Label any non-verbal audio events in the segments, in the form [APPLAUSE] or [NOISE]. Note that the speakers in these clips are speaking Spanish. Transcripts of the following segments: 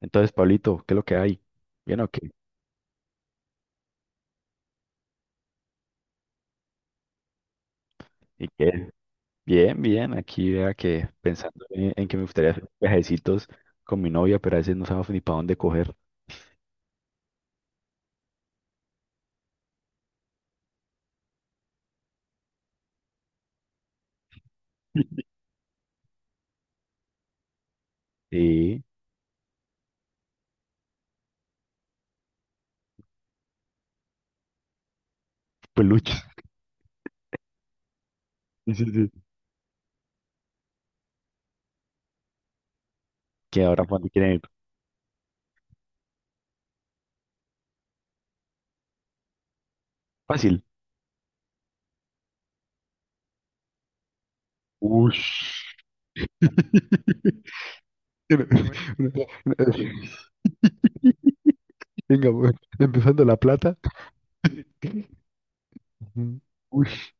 Entonces, Pablito, ¿qué es lo que hay? ¿Bien o qué? ¿Y qué? Bien, bien. Aquí vea que pensando en que me gustaría hacer viajecitos con mi novia, pero a veces no sabemos ni para dónde coger. [LAUGHS] Sí, peluches. Sí, sí, sí. ¿Qué ahora para dónde quieren ir? Fácil. Ush. [LAUGHS] Una- una- una- [LAUGHS] Venga, pues, empezando la plata. Ujú. Ush.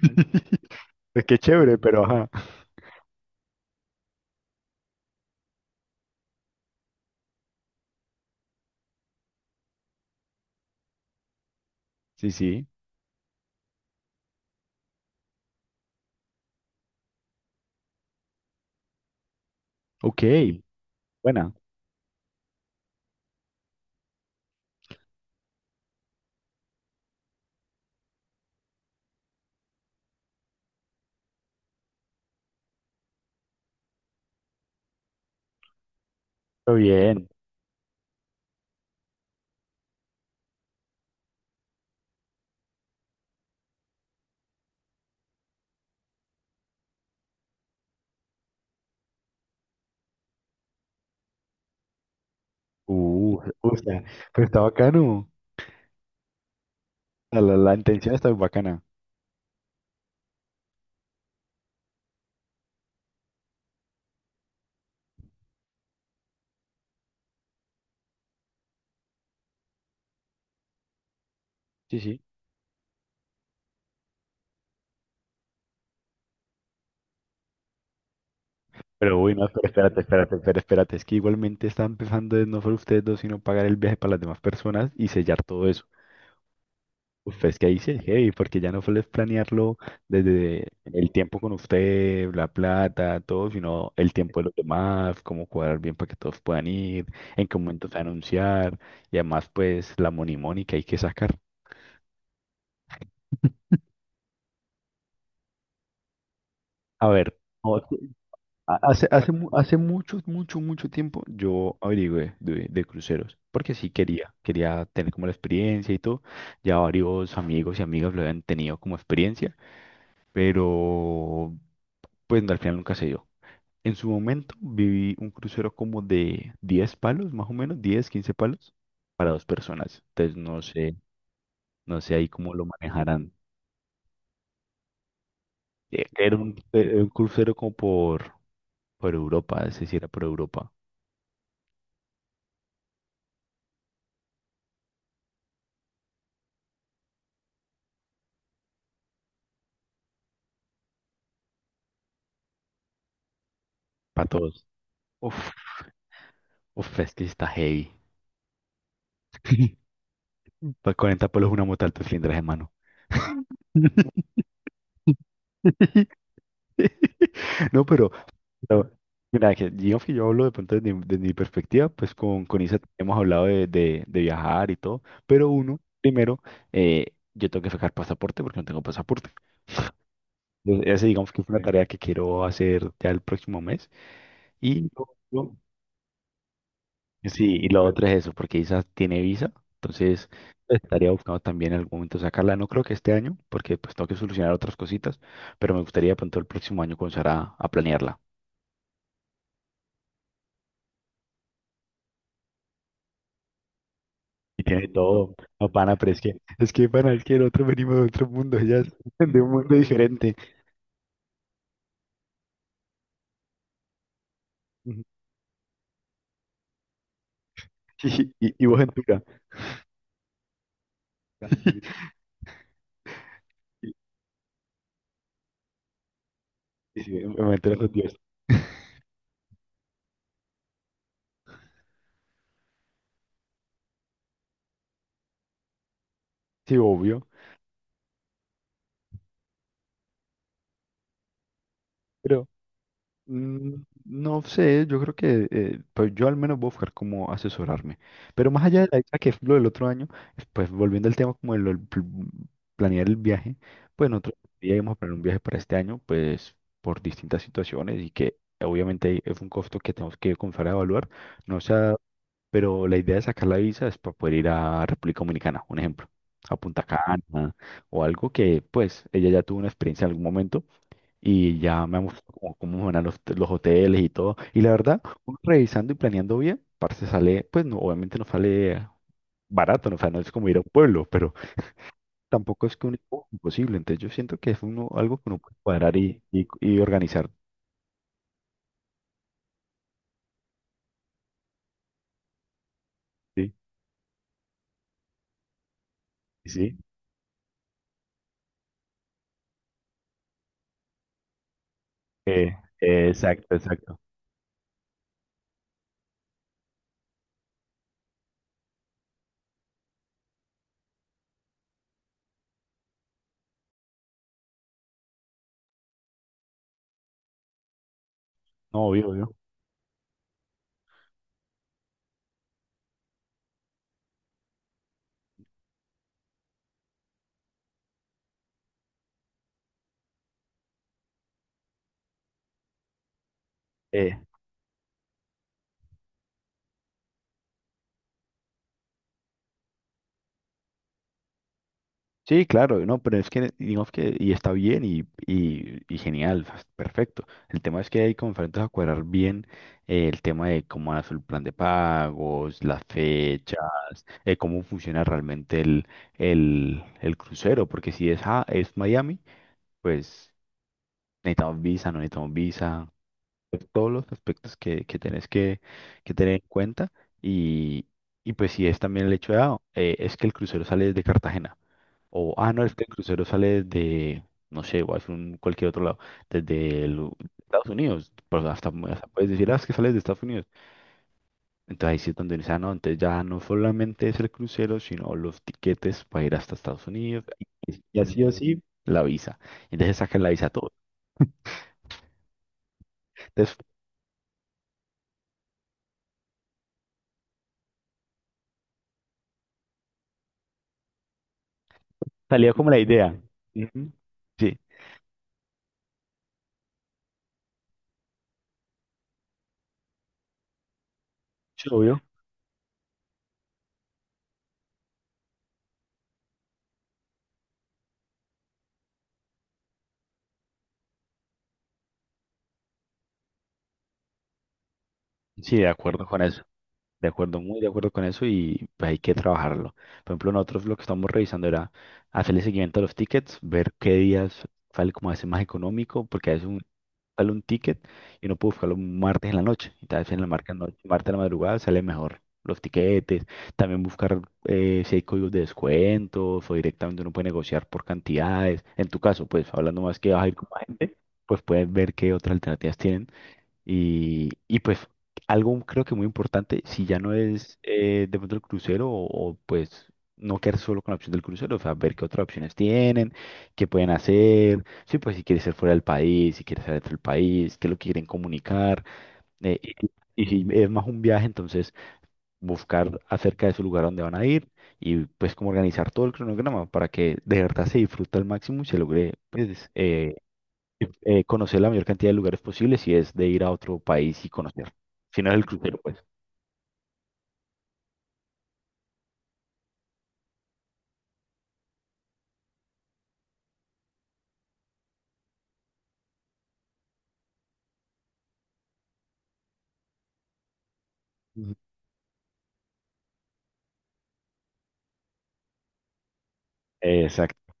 [LAUGHS] Es que chévere, pero ajá. Sí, sí. Ok. Buena. Todo bien. O sea, pero está bacano. La intención está bacana. Sí, sí. Pero uy, no, pero espérate, espérate, espérate, espérate. Es que igualmente están empezando en no solo ustedes dos, sino pagar el viaje para las demás personas y sellar todo eso. Uf, es que ahí sí es heavy, porque ya no solo es planearlo desde el tiempo con usted, la plata, todo, sino el tiempo de los demás, cómo cuadrar bien para que todos puedan ir, en qué momento se va a anunciar, y además pues la money money que hay que sacar. A ver, no, hace mucho, mucho, mucho tiempo yo averigüé de cruceros, porque sí quería tener como la experiencia y todo. Ya varios amigos y amigas lo habían tenido como experiencia, pero pues no, al final nunca se dio. En su momento viví un crucero como de 10 palos, más o menos, 10 15 palos para dos personas. Entonces no sé, no sé ahí cómo lo manejarán. Era un crucero como por Europa, es decir, era por Europa, para todos. Uf. Uf, es que sí está heavy. [LAUGHS] Para 40 palos una moto alto cilindraje, hermano. [LAUGHS] No, pero, mira, que digamos que yo hablo de pronto desde mi perspectiva, pues con Isa hemos hablado de viajar y todo, pero uno, primero, yo tengo que sacar pasaporte porque no tengo pasaporte. Entonces, esa digamos que es una, ok, tarea que quiero hacer ya el próximo mes y yo sí, y lo otro es eso, porque Isa tiene visa, entonces estaría buscando también en algún momento sacarla. No creo que este año, porque pues tengo que solucionar otras cositas, pero me gustaría de pronto el próximo año comenzar a planearla. Y tiene todo, no, pana, pero es que, pana, es que nosotros venimos de otro mundo, ya es [LAUGHS] de un mundo diferente. [LAUGHS] Y vos en tu [LAUGHS] y sí, en Ventura con Dios. Sí, obvio, pero, no sé, yo creo que pues yo al menos voy a buscar cómo asesorarme. Pero más allá de la isla, que es lo del otro año, pues volviendo al tema como de lo del planear el viaje, pues nosotros íbamos a planear un viaje para este año, pues por distintas situaciones y que obviamente es un costo que tenemos que comenzar a evaluar. No sea, pero la idea de sacar la visa es para poder ir a República Dominicana, un ejemplo, a Punta Cana o algo que pues ella ya tuvo una experiencia en algún momento y ya me gustó como cómo eran los hoteles y todo. Y la verdad, uno revisando y planeando bien, parce sale, pues no, obviamente no sale barato, no, o sea, no es como ir a un pueblo, pero tampoco es que un oh, imposible. Entonces yo siento que es uno, algo que uno puede cuadrar y organizar. Sí, sí, sí. Exacto, exacto. No, obvio, obvio. Eh, Sí, claro, no, pero es que digamos que y está bien y genial, o sea, perfecto. El tema es que hay como enfrentas a cuadrar bien, el tema de cómo hacer el plan de pagos, las fechas, cómo funciona realmente el crucero, porque si es, ah, es Miami, pues necesitamos visa, no necesitamos visa, todos los aspectos que tenés que tener en cuenta y, y pues si es también el hecho de, es que el crucero sale desde Cartagena. O, ah, no, es que el crucero sale desde, no sé, o hace cualquier otro lado, desde Estados Unidos, pues hasta puedes decir, ah, es que sale de Estados Unidos. Entonces ahí sí es donde dice, no, entonces ya no solamente es el crucero, sino los tiquetes para ir hasta Estados Unidos, y así o así, la visa. Entonces sacan la visa todo. Entonces salió como la idea. Ujú. Sí, sí, obvio. Sí, de acuerdo con eso. De acuerdo, muy de acuerdo con eso y pues, hay que trabajarlo. Por ejemplo, nosotros lo que estamos revisando era hacerle seguimiento a los tickets, ver qué días sale como a veces más económico, porque a veces un, sale un ticket y uno puede buscarlo un martes en la noche, y tal vez en la marca noche, martes en la madrugada sale mejor los tiquetes, también buscar, si hay códigos de descuentos o directamente uno puede negociar por cantidades. En tu caso, pues hablando más que vas a ir con más gente, pues puedes ver qué otras alternativas tienen y pues algo creo que muy importante, si ya no es, de pronto el crucero o, pues no quedar solo con la opción del crucero, o sea, ver qué otras opciones tienen, qué pueden hacer, sí, pues si quieres ser fuera del país, si quieres ser dentro del país, qué es lo que quieren comunicar, eh, y si es más un viaje, entonces buscar acerca de su lugar a donde van a ir y pues como organizar todo el cronograma para que de verdad se disfrute al máximo y se logre pues, conocer la mayor cantidad de lugares posibles y es de ir a otro país y conocer. Si no es el crucero, pues. Ujú. Exacto.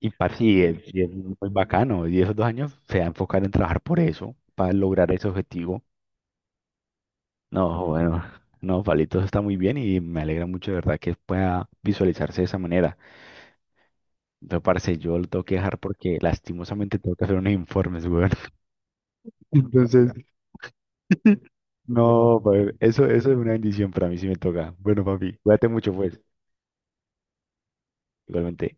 Y para sí, es, y es muy bacano. Y esos dos años se va a enfocar en trabajar por eso, para lograr ese objetivo. No, bueno, no, Palito, eso está muy bien y me alegra mucho de verdad que pueda visualizarse de esa manera. Pero parce, yo lo tengo que dejar porque lastimosamente tengo que hacer unos informes, weón. [LAUGHS] Entonces, [LAUGHS] no, pues, eso es una bendición para mí si me toca. Bueno, papi, cuídate mucho, pues, igualmente.